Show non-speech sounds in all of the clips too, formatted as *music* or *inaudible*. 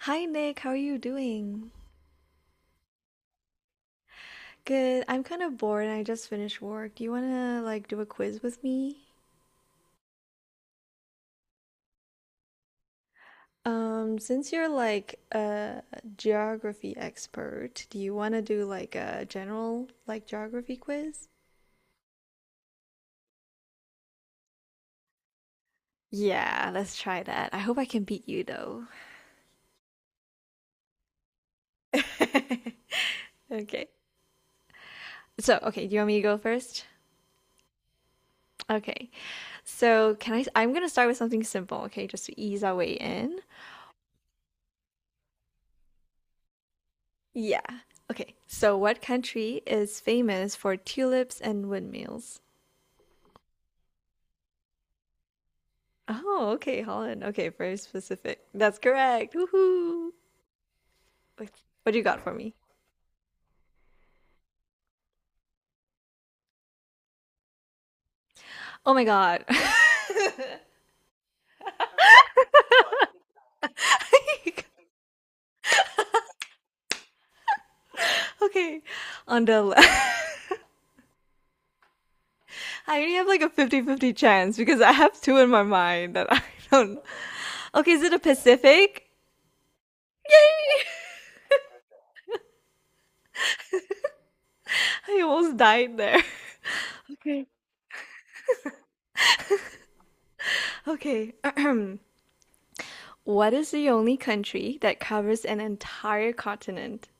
Hi Nick, how are you doing? Good. I'm kind of bored and I just finished work. Do you want to like do a quiz with me? Since you're like a geography expert, do you want to do like a general like geography quiz? Yeah, let's try that. I hope I can beat you though. *laughs* Okay. So, okay, do you want me to go first? Okay. So, can I I'm going to start with something simple, okay, just to ease our way in. Yeah. Okay. So, what country is famous for tulips and windmills? Oh, okay, Holland. Okay, very specific. That's correct. Woohoo. What what do you got for me? Oh my God. *laughs* Okay. On the left. *laughs* I only have like a 50-50 chance because I have two in my mind that I don't. Okay, is it a Pacific? Yay! *laughs* I almost died there. Okay. Okay. *clears throat* What is the only country that covers an entire continent?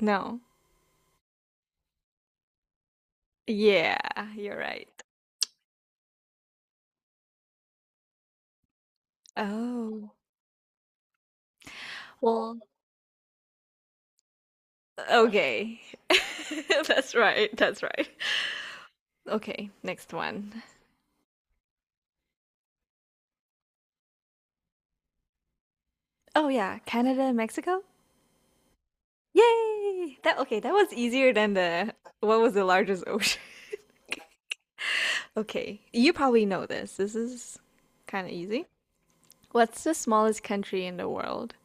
No. Yeah, you're right. Oh. Well, okay. *laughs* That's right. That's right. Okay, next one. Oh yeah, Canada and Mexico? Yay! That okay, that was easier than the what was the largest ocean? *laughs* Okay, you probably know this. This is kind of easy. What's the smallest country in the world?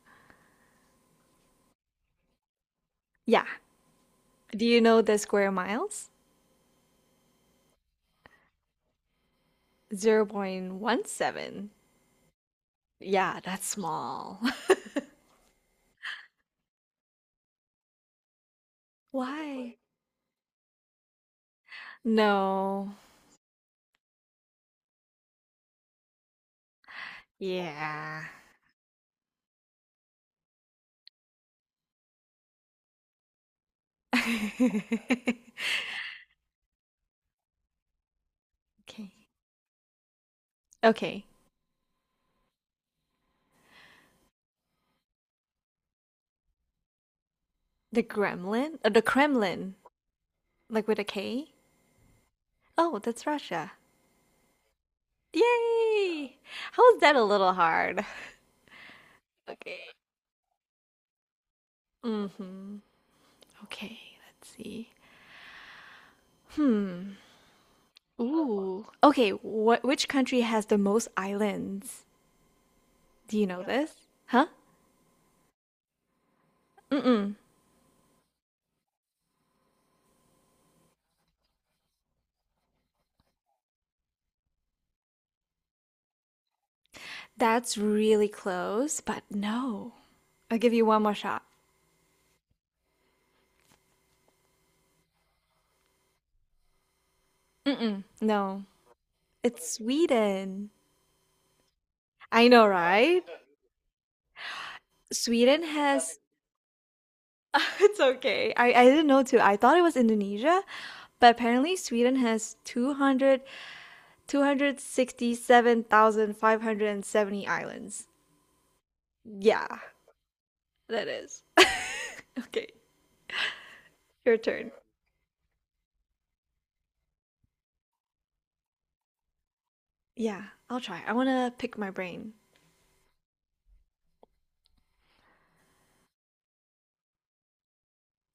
Yeah. Do you know the square miles? 0.17. Yeah, that's small. *laughs* Why? No. Yeah. *laughs* Okay. Okay. The Gremlin? The Kremlin. Like with a K? Oh, that's Russia. Yay! How is that a little hard? Okay. Mm-hmm. Okay, let's see. Hmm. Ooh. Okay, what which country has the most islands? Do you know this? Huh? Mm-mm. That's really close, but no. I'll give you one more shot. Mm-mm. No. It's Sweden. I know, right? Sweden has. *laughs* It's okay. I didn't know too. I thought it was Indonesia, but apparently Sweden has 267,570 islands. Yeah, that is. *laughs* Okay, your turn. Yeah, I'll try. I want to pick my brain.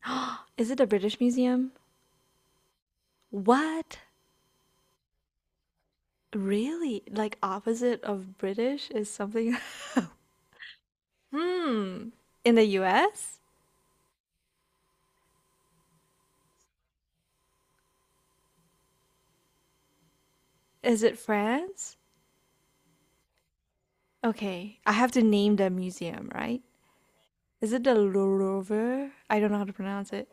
*gasps* Is it the British Museum? What? Really? Like opposite of British is something. *laughs* Hmm. In the US? Is it France? Okay, I have to name the museum, right? Is it the Louvre? I don't know how to pronounce it.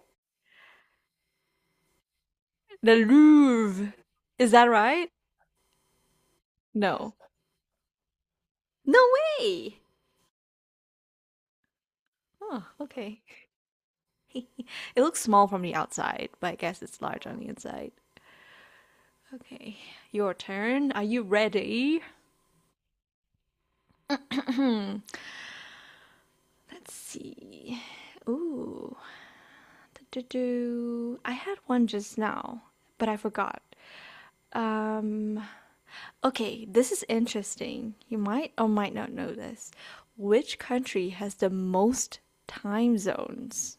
The Louvre. Is that right? No. No way! Oh, okay. *laughs* It looks small from the outside, but I guess it's large on the inside. Okay, your turn. Are you ready? Let's see. Ooh, I had one just now, but I forgot. Um, okay, this is interesting. You might or might not know this. Which country has the most time zones?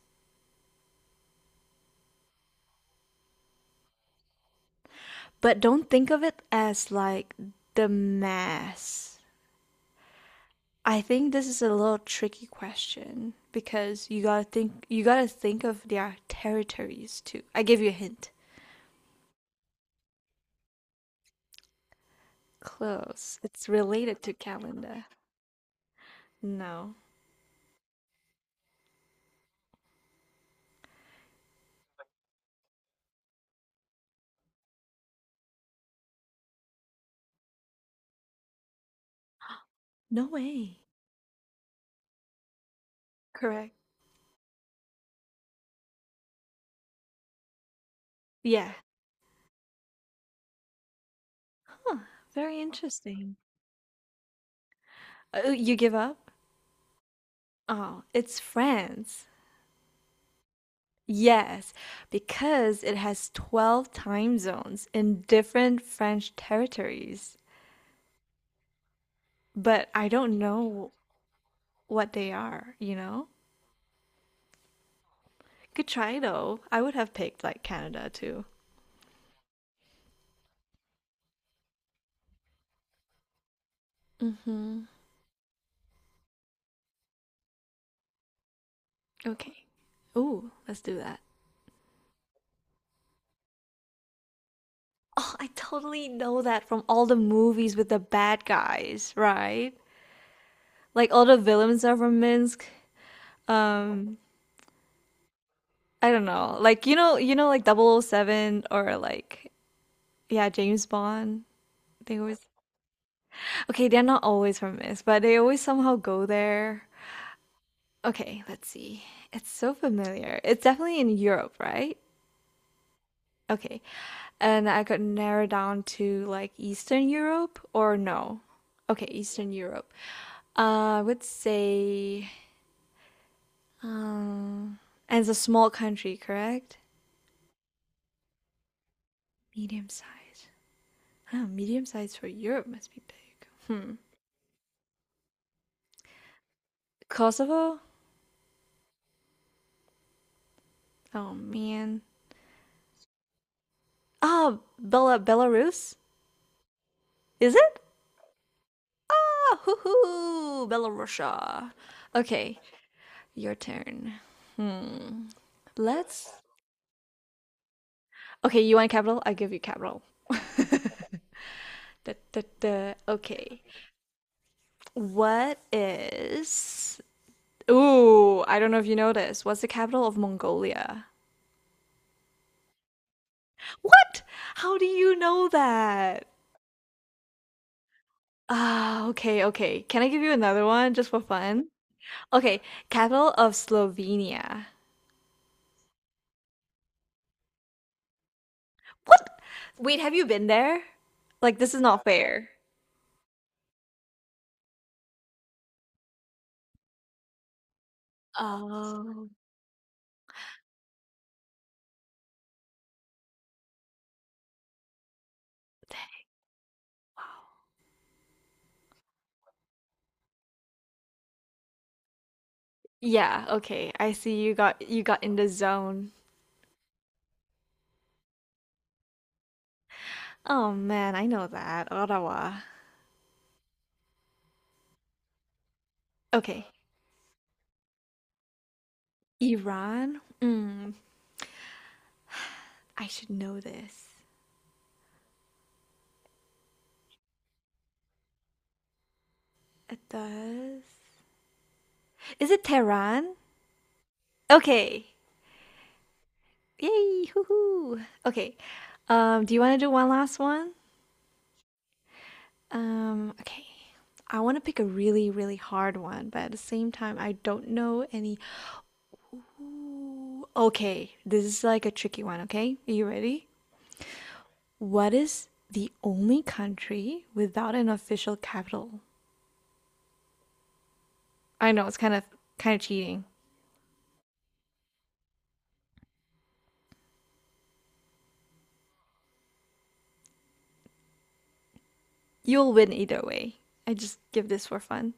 But don't think of it as like the mass. I think this is a little tricky question because you gotta think of their territories too. I give you a hint. Close. It's related to calendar. No. No way. Correct. Yeah. Huh, very interesting. Oh, you give up? Oh, it's France. Yes, because it has 12 time zones in different French territories. But I don't know what they are, you know? Good try though. I would have picked like Canada too. Mm-hmm. Okay. Ooh, let's do that. Oh, I totally know that from all the movies with the bad guys, right? Like all the villains are from Minsk. Um, I don't know. Like like Double O Seven or like yeah, James Bond. They always okay. They're not always from this, but they always somehow go there. Okay, let's see. It's so familiar. It's definitely in Europe, right? Okay, and I could narrow down to like Eastern Europe or no. Okay, Eastern Europe. I would say, um, and it's a small country, correct? Medium size. Oh, medium size for Europe must be big. Hmm. Kosovo? Oh man. Oh, Belarus? Is it? Ah, hoo hoo, Belarusia. Okay, your turn. Hmm. Let's. Okay, you want capital? I give you capital. Da, da, da. Okay. What is? Ooh, I don't know if you know this. What's the capital of Mongolia? What? How do you know that? Ah, okay. Can I give you another one just for fun? Okay, capital of Slovenia. What? Wait, have you been there? Like, this is not fair. Oh, wow. Yeah, okay. I see you got in the zone. Oh man, I know that. Ottawa. Okay. Iran? Mm, I should know this. It does. Is it Tehran? Okay. Yay, hoo-hoo. Okay. Do you want to do one last one? Okay. I want to pick a really, really hard one, but at the same time, I don't know any. Ooh, okay, this is like a tricky one, okay? Are you ready? What is the only country without an official capital? I know it's kind of cheating. You'll win either way. I just give this for fun.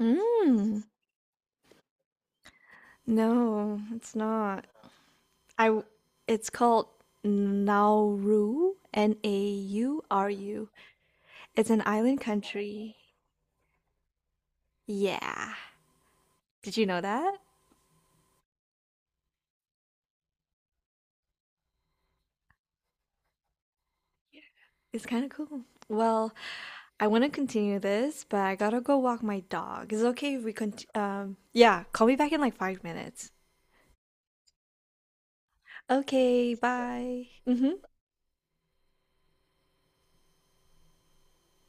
Mm, no, it's not. I w- it's called Nauru, N-A-U-R-U. It's an island country. Yeah. Did you know that? It's kind of cool. Well, I want to continue this, but I gotta go walk my dog. Is it okay if we yeah, call me back in like 5 minutes. Okay, bye. Mhm.